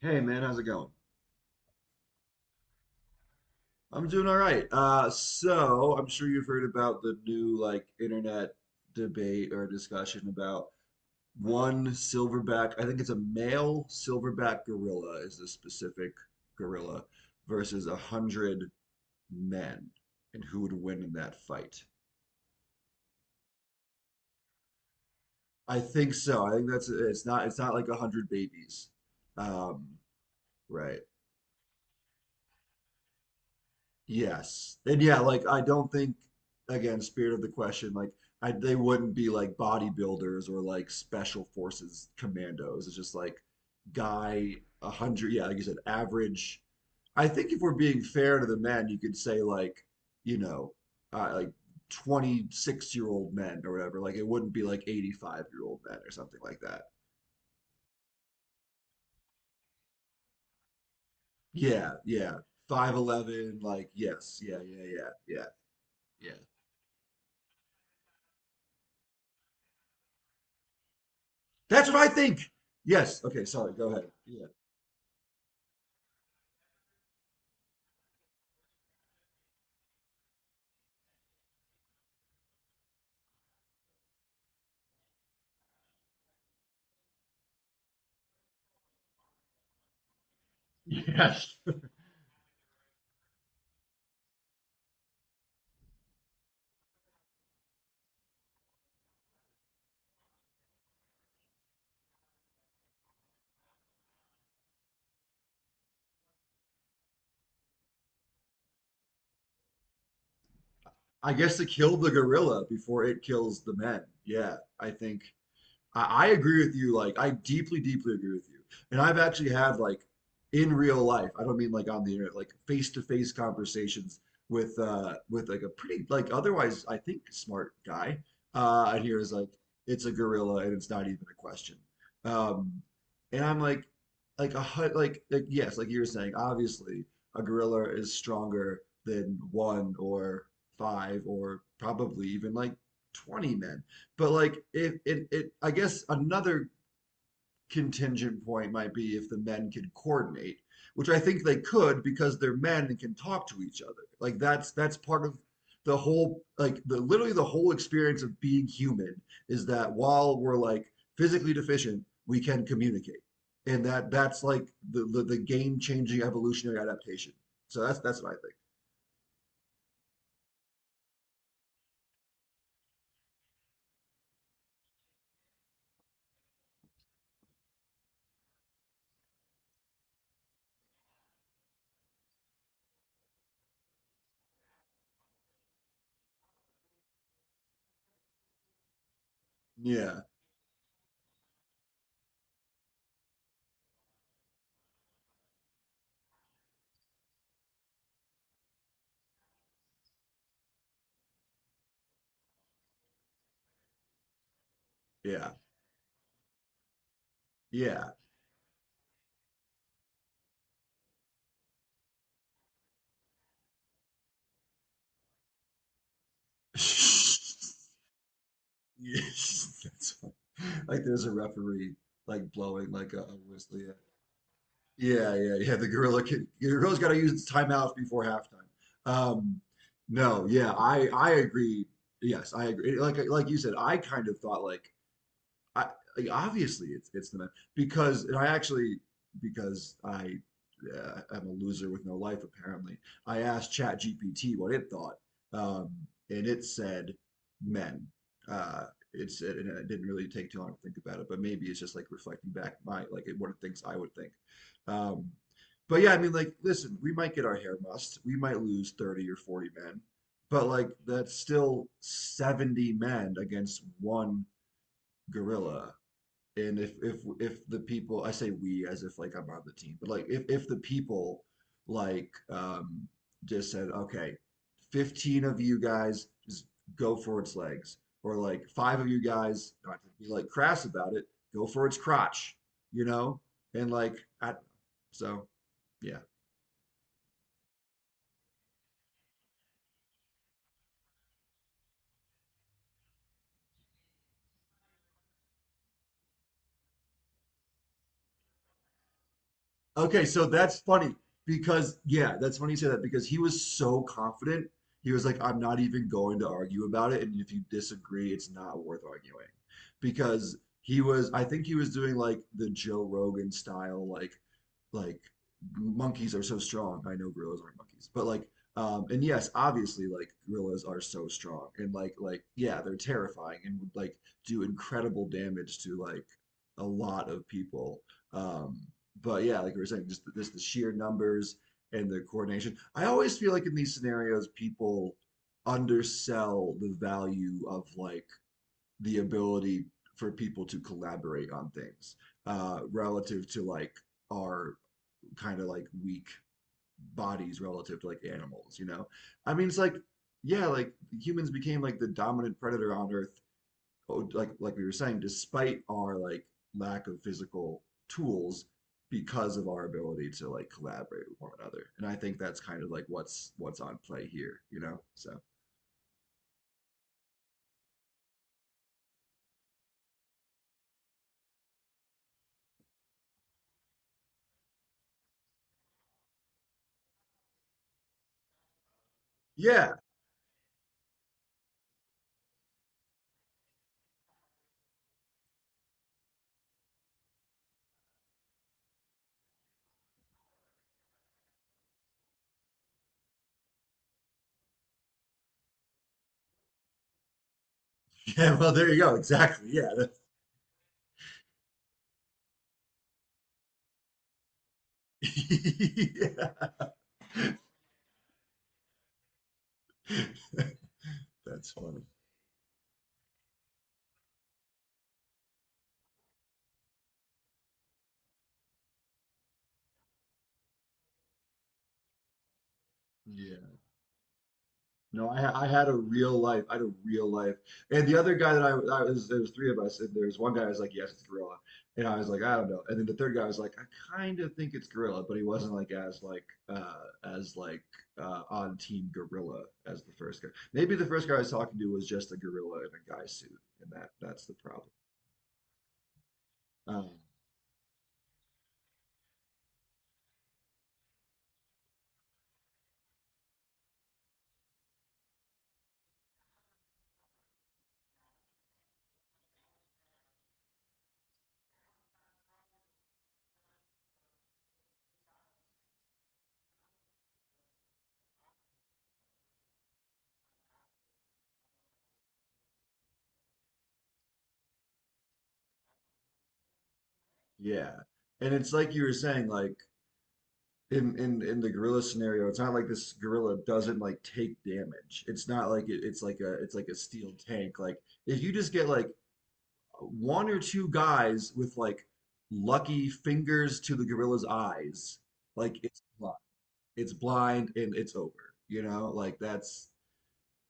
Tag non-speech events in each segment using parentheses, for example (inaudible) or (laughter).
Hey man, how's it going? I'm doing all right. So I'm sure you've heard about the new like internet debate or discussion about one silverback. I think it's a male silverback gorilla is the specific gorilla versus a hundred men, and who would win in that fight? I think so. I think that's it's not like 100 babies. Um, right. Yes. And yeah, like I don't think again, spirit of the question, like I they wouldn't be like bodybuilders or like special forces commandos. It's just like guy 100, yeah, like you said, average. I think if we're being fair to the men, you could say like, you know, like 26-year-old men or whatever. Like it wouldn't be like 85-year-old men or something like that. Yeah, yeah. 5'11, like yes, yeah, yeah, yeah, yeah, yeah. That's what I think. Yes. Okay. Sorry. Go ahead. Yeah. Yes. (laughs) I guess to kill the gorilla before it kills the men. Yeah. I think I agree with you. Like, I deeply, deeply agree with you. And I've actually had like in real life, I don't mean like on the internet, like face-to-face conversations with like a pretty like otherwise I think smart guy. And he was like, it's a gorilla and it's not even a question. Um and I'm like like yes, like you were saying, obviously a gorilla is stronger than one or five or probably even like 20 men. But like if it, it I guess another contingent point might be if the men could coordinate, which I think they could because they're men and can talk to each other. Like that's part of the whole like the literally the whole experience of being human is that while we're like physically deficient, we can communicate. And that's like the game-changing evolutionary adaptation. So that's what I think. Yeah, yeah, yeah. (laughs) Yes, (laughs) like there's a referee like blowing like a whistle. Yeah. Yeah, yeah, yeah. The gorilla can. Your gorilla's got to use its timeouts before halftime. Um, no, yeah, I agree. Yes, I agree. Like you said, I kind of thought like I like, obviously it's the men because I actually because I am a loser with no life apparently. I asked Chat GPT what it thought, um, and it said men. Uh, and it didn't really take too long to think about it, but maybe it's just like reflecting back my like what it thinks I would think. Um, but yeah, I mean, like, listen, we might get our hair mussed, we might lose 30 or 40 men, but like that's still 70 men against one gorilla and if the people I say we as if like I'm on the team, but like if the people like um just said, okay, 15 of you guys just go for its legs, or like five of you guys, not to be like crass about it, go for its crotch, you know? And like I so yeah. Okay, so that's funny because yeah, that's funny you say that because he was so confident. He was like, I'm not even going to argue about it, and if you disagree, it's not worth arguing. Because he was, I think he was doing like the Joe Rogan style, like monkeys are so strong. I know gorillas aren't monkeys, but like and yes, obviously like gorillas are so strong and like yeah, they're terrifying and would like do incredible damage to like a lot of people. Um but yeah, like we were saying, just the sheer numbers and the coordination. I always feel like in these scenarios people undersell the value of like the ability for people to collaborate on things relative to like our kind of like weak bodies relative to like animals, you know? I mean, it's like, yeah, like humans became like the dominant predator on Earth, oh, like we were saying, despite our like lack of physical tools because of our ability to like collaborate with one another. And I think that's kind of like what's on play here, you know? So yeah. (laughs) Yeah, well there you go. Exactly. Yeah. (laughs) yeah. (laughs) That's funny. Yeah. No, I had a real life. And the other guy that I was, there was three of us, and there was one guy who was like, "Yes, it's gorilla," and I was like, "I don't know." And then the third guy was like, "I kind of think it's gorilla," but he wasn't like as like on team gorilla as the first guy. Maybe the first guy I was talking to was just a gorilla in a guy suit, and that's the problem. Um, yeah, and it's like you were saying, like in the gorilla scenario, it's not like this gorilla doesn't like take damage. It's not like it, it's like a steel tank. Like if you just get like one or two guys with like lucky fingers to the gorilla's eyes, like it's blind and it's over. You know, like that's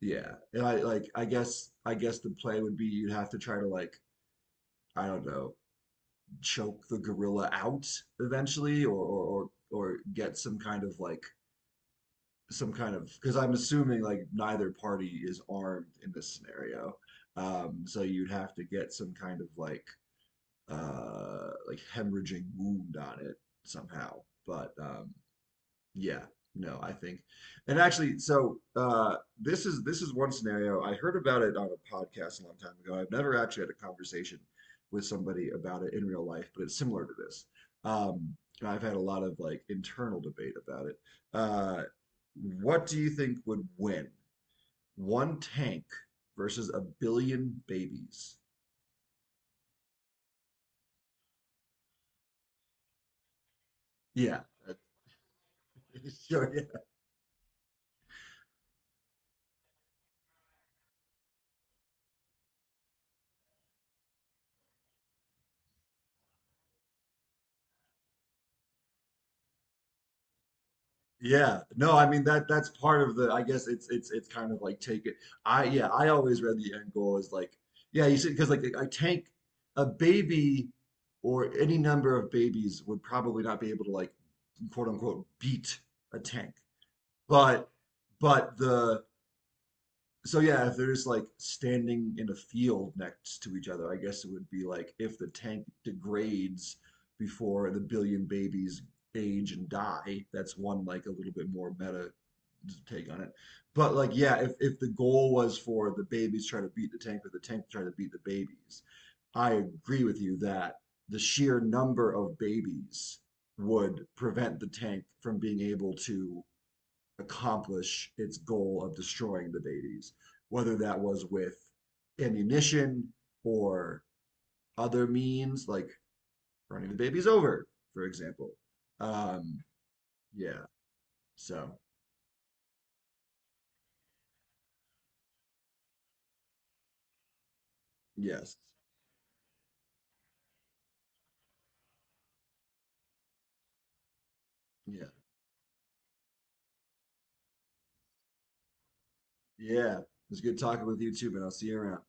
yeah. And I like I guess the play would be you'd have to try to like I don't know choke the gorilla out eventually, or get some kind of like some kind of because I'm assuming like neither party is armed in this scenario. So you'd have to get some kind of like hemorrhaging wound on it somehow. But yeah, no, I think. And actually, so this is one scenario. I heard about it on a podcast a long time ago. I've never actually had a conversation with somebody about it in real life, but it's similar to this. Um, and I've had a lot of like internal debate about it. Uh what do you think would win? One tank versus a billion babies? Yeah. (laughs) So yeah, no, I mean that's part of the I guess it's it's kind of like take it. I yeah, I always read the end goal as like yeah, you see because like I tank a baby or any number of babies would probably not be able to like quote unquote beat a tank. But but the so yeah, if they're just like standing in a field next to each other, I guess it would be like if the tank degrades before the billion babies age and die, that's one like a little bit more meta take on it. But like, yeah, if, the goal was for the babies try to beat the tank or the tank try to beat the babies, I agree with you that the sheer number of babies would prevent the tank from being able to accomplish its goal of destroying the babies, whether that was with ammunition or other means, like running the babies over, for example. Um, yeah, so yes, yeah. Yeah. It was good talking with you too, man. I'll see you around.